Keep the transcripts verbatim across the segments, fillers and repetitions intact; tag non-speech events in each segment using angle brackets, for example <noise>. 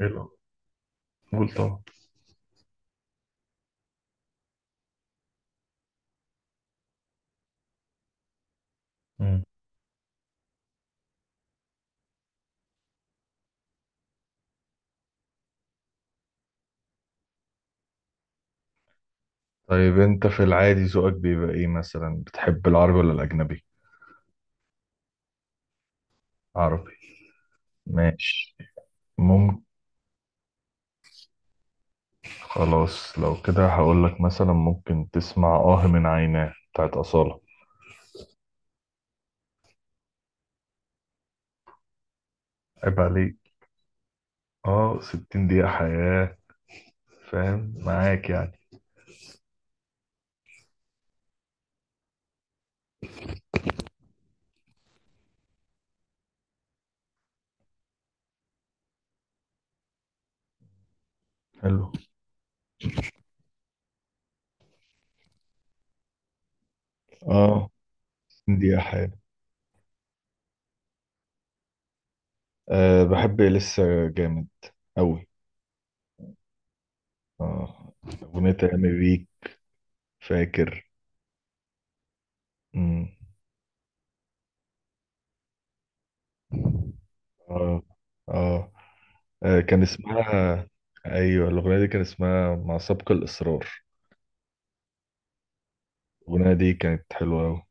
حلو. قول طبعا. مم. طيب انت في العادي ذوقك بيبقى ايه مثلا، بتحب العربي ولا الاجنبي؟ عربي. ماشي. ممكن. خلاص لو كده هقول لك مثلا ممكن تسمع اه من عيناه بتاعت أصالة. عيب عليك. اه، ستين دقيقة حياة. فاهم، معاك يعني. حلو. اه، ستين دقيقة حياة. أه، بحب لسه. جامد أوي. اه، أغنية أيامي بيك. فاكر. مم. اه. اه. آه، كان اسمها... ايوه الاغنيه دي كان اسمها مع سبق الاصرار. الاغنيه دي كانت حلوه قوي.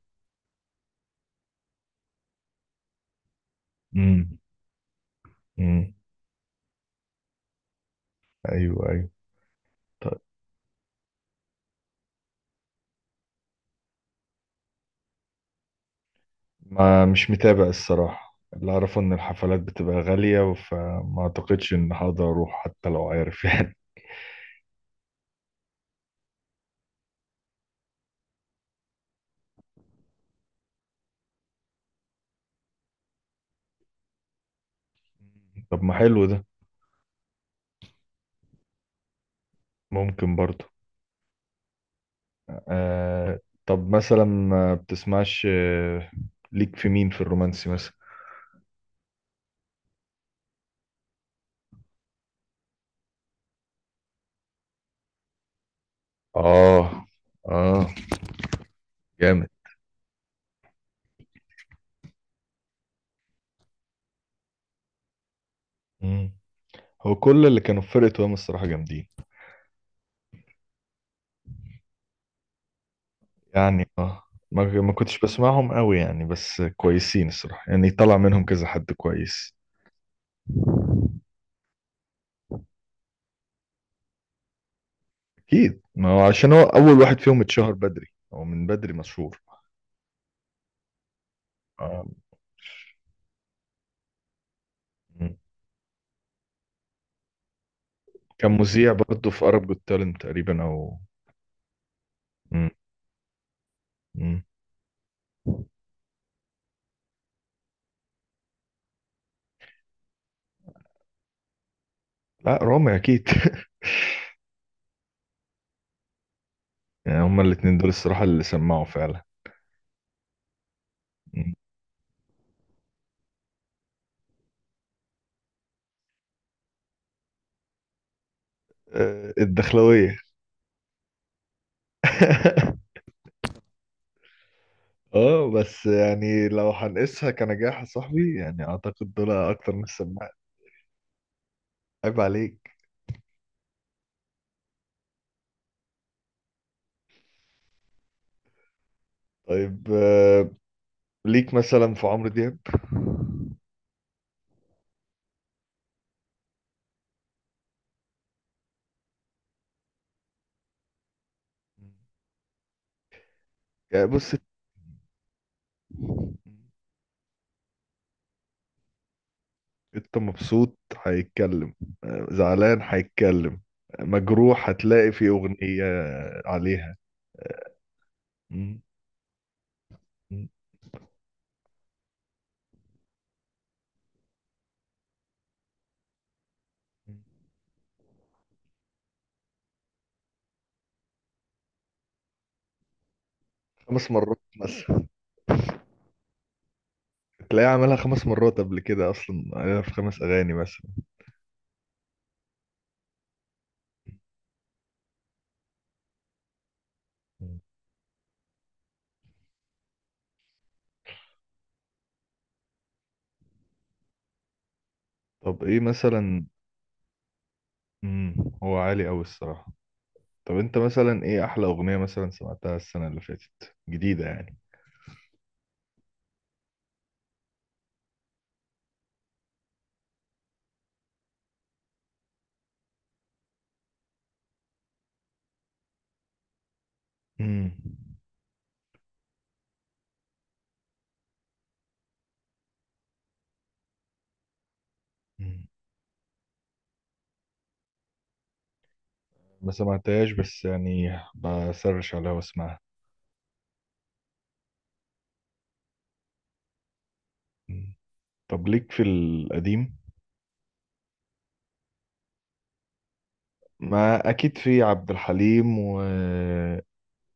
امم. امم. ايوه ايوه. طيب. ما مش متابع الصراحه، اللي اعرفه ان الحفلات بتبقى غاليه، فما اعتقدش ان هقدر اروح حتى لو عارف يعني. <laughs> طب ما حلو ده. ممكن برضه. آه. طب مثلا ما بتسمعش، آه، ليك في مين في الرومانسي مثلا؟ اه. اه. جامد. مم. هو كل اللي كانوا في فرقة وهم الصراحة جامدين. يعني اه، ما ما كنتش بسمعهم قوي يعني بس كويسين الصراحة، يعني طلع منهم كذا حد كويس. اكيد، ما هو عشان هو اول واحد فيهم اتشهر بدري. هو من بدري مشهور. آه. مم. كان مذيع برضه في Arab Got Talent تقريبا، او... مم. مم. لا رامي اكيد. <laughs> يعني هما الاتنين دول الصراحة اللي سمعوا فعلا. مم. آه، الدخلوية. <laughs> اه بس يعني لو هنقيسها كنجاح يا صاحبي، يعني اعتقد دول اكتر ناس سمعت. عيب عليك. طيب، آه، ليك مثلا في عمرو دياب؟ يعني بص. انت مبسوط هيتكلم، زعلان هيتكلم، مجروح هتلاقي في أغنية عليها. مم. مم. خمس مرات مثلا. تلاقيه عملها خمس مرات قبل كده، أصلا عليها في خمس أغاني مثلا. مم. طب إيه مثلا؟ مم. هو عالي أوي الصراحة. طب أنت مثلا إيه أحلى أغنية مثلا سمعتها السنة اللي فاتت جديدة يعني؟ مم. ما سمعتهاش بس يعني بسرش عليها واسمعها. مم. طب ليك في القديم؟ ما اكيد في عبد الحليم و...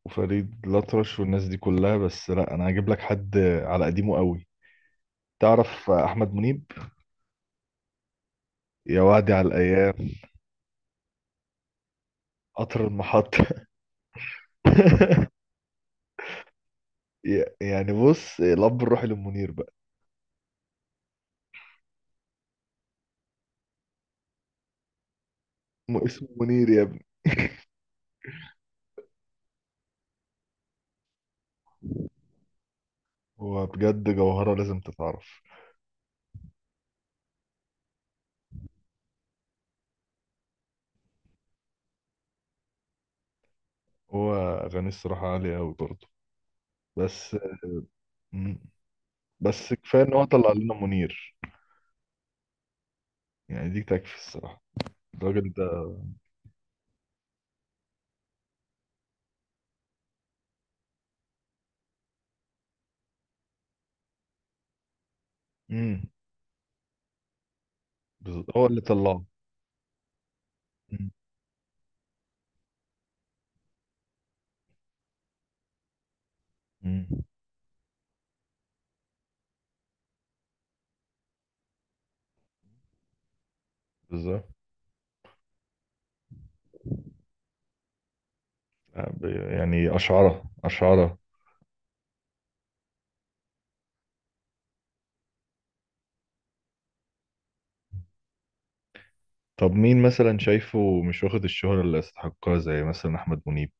وفريد الأطرش والناس دي كلها، بس لا انا هجيب لك حد على قديمه قوي. تعرف احمد منيب؟ يا وعدي على الايام. قطر المحطة. <laughs> ي- يعني بص، الاب الروحي للمنير بقى. م- اسمه منير يا ابني. هو بجد جوهرة لازم تتعرف. هو أغانيه الصراحة عالية أوي برضه، بس بس كفايه ان هو طلع لنا منير. يعني دي تكفي الصراحه، الراجل ده. امم. بز- هو اللي طلعه. امم. أمم، بالظبط. آه، ب- يعني اشعره اشعره. طب مين مثلا شايفه مش واخد الشهرة اللي يستحقها زي مثلا احمد منيب؟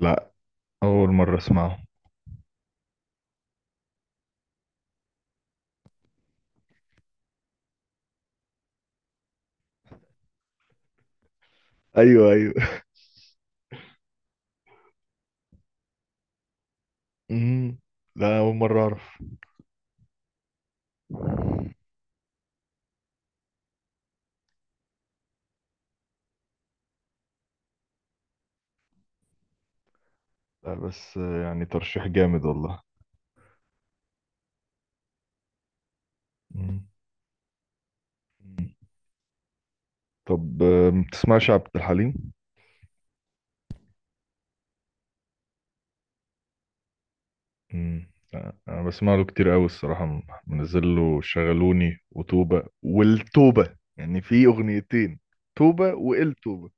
لا، اول مره اسمعه. ايوه ايوه. امم. لا، اول مره اعرف. لا بس، آه، يعني ترشيح جامد والله. امم. طب، آه، ما بتسمعش عبد الحليم؟ مم. انا بسمع له كتير قوي الصراحه، م- منزل له شغلوني وتوبه والتوبه يعني، في اغنيتين: توبه والتوبه.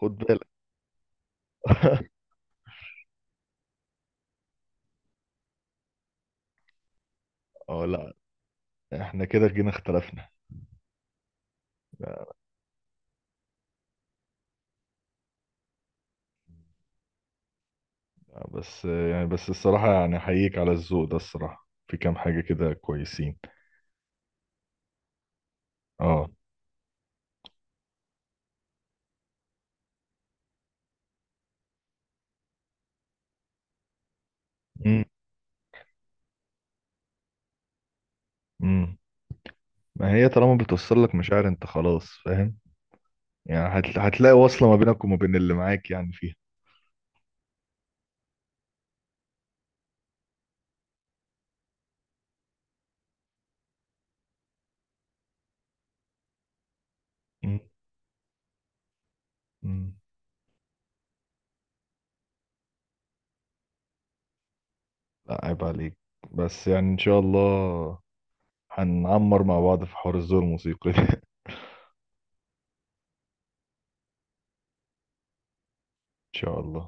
خد بالك. <laughs> اه لا، احنا كده جينا اختلفنا. لا، بس يعني، بس الصراحه يعني احييك على الذوق ده الصراحه، في كام حاجه كده كويسين. اه. امم. امم. ما هي طالما بتوصل لك مشاعر انت خلاص فاهم. يعني هت... هتلاقي وصله ما بينك وما بين اللي معاك يعني فيها. امم. امم. لا عيب عليك. بس يعني ان شاء الله هنعمر مع بعض في حوار الذوق الموسيقي ده. <laughs> ان شاء الله.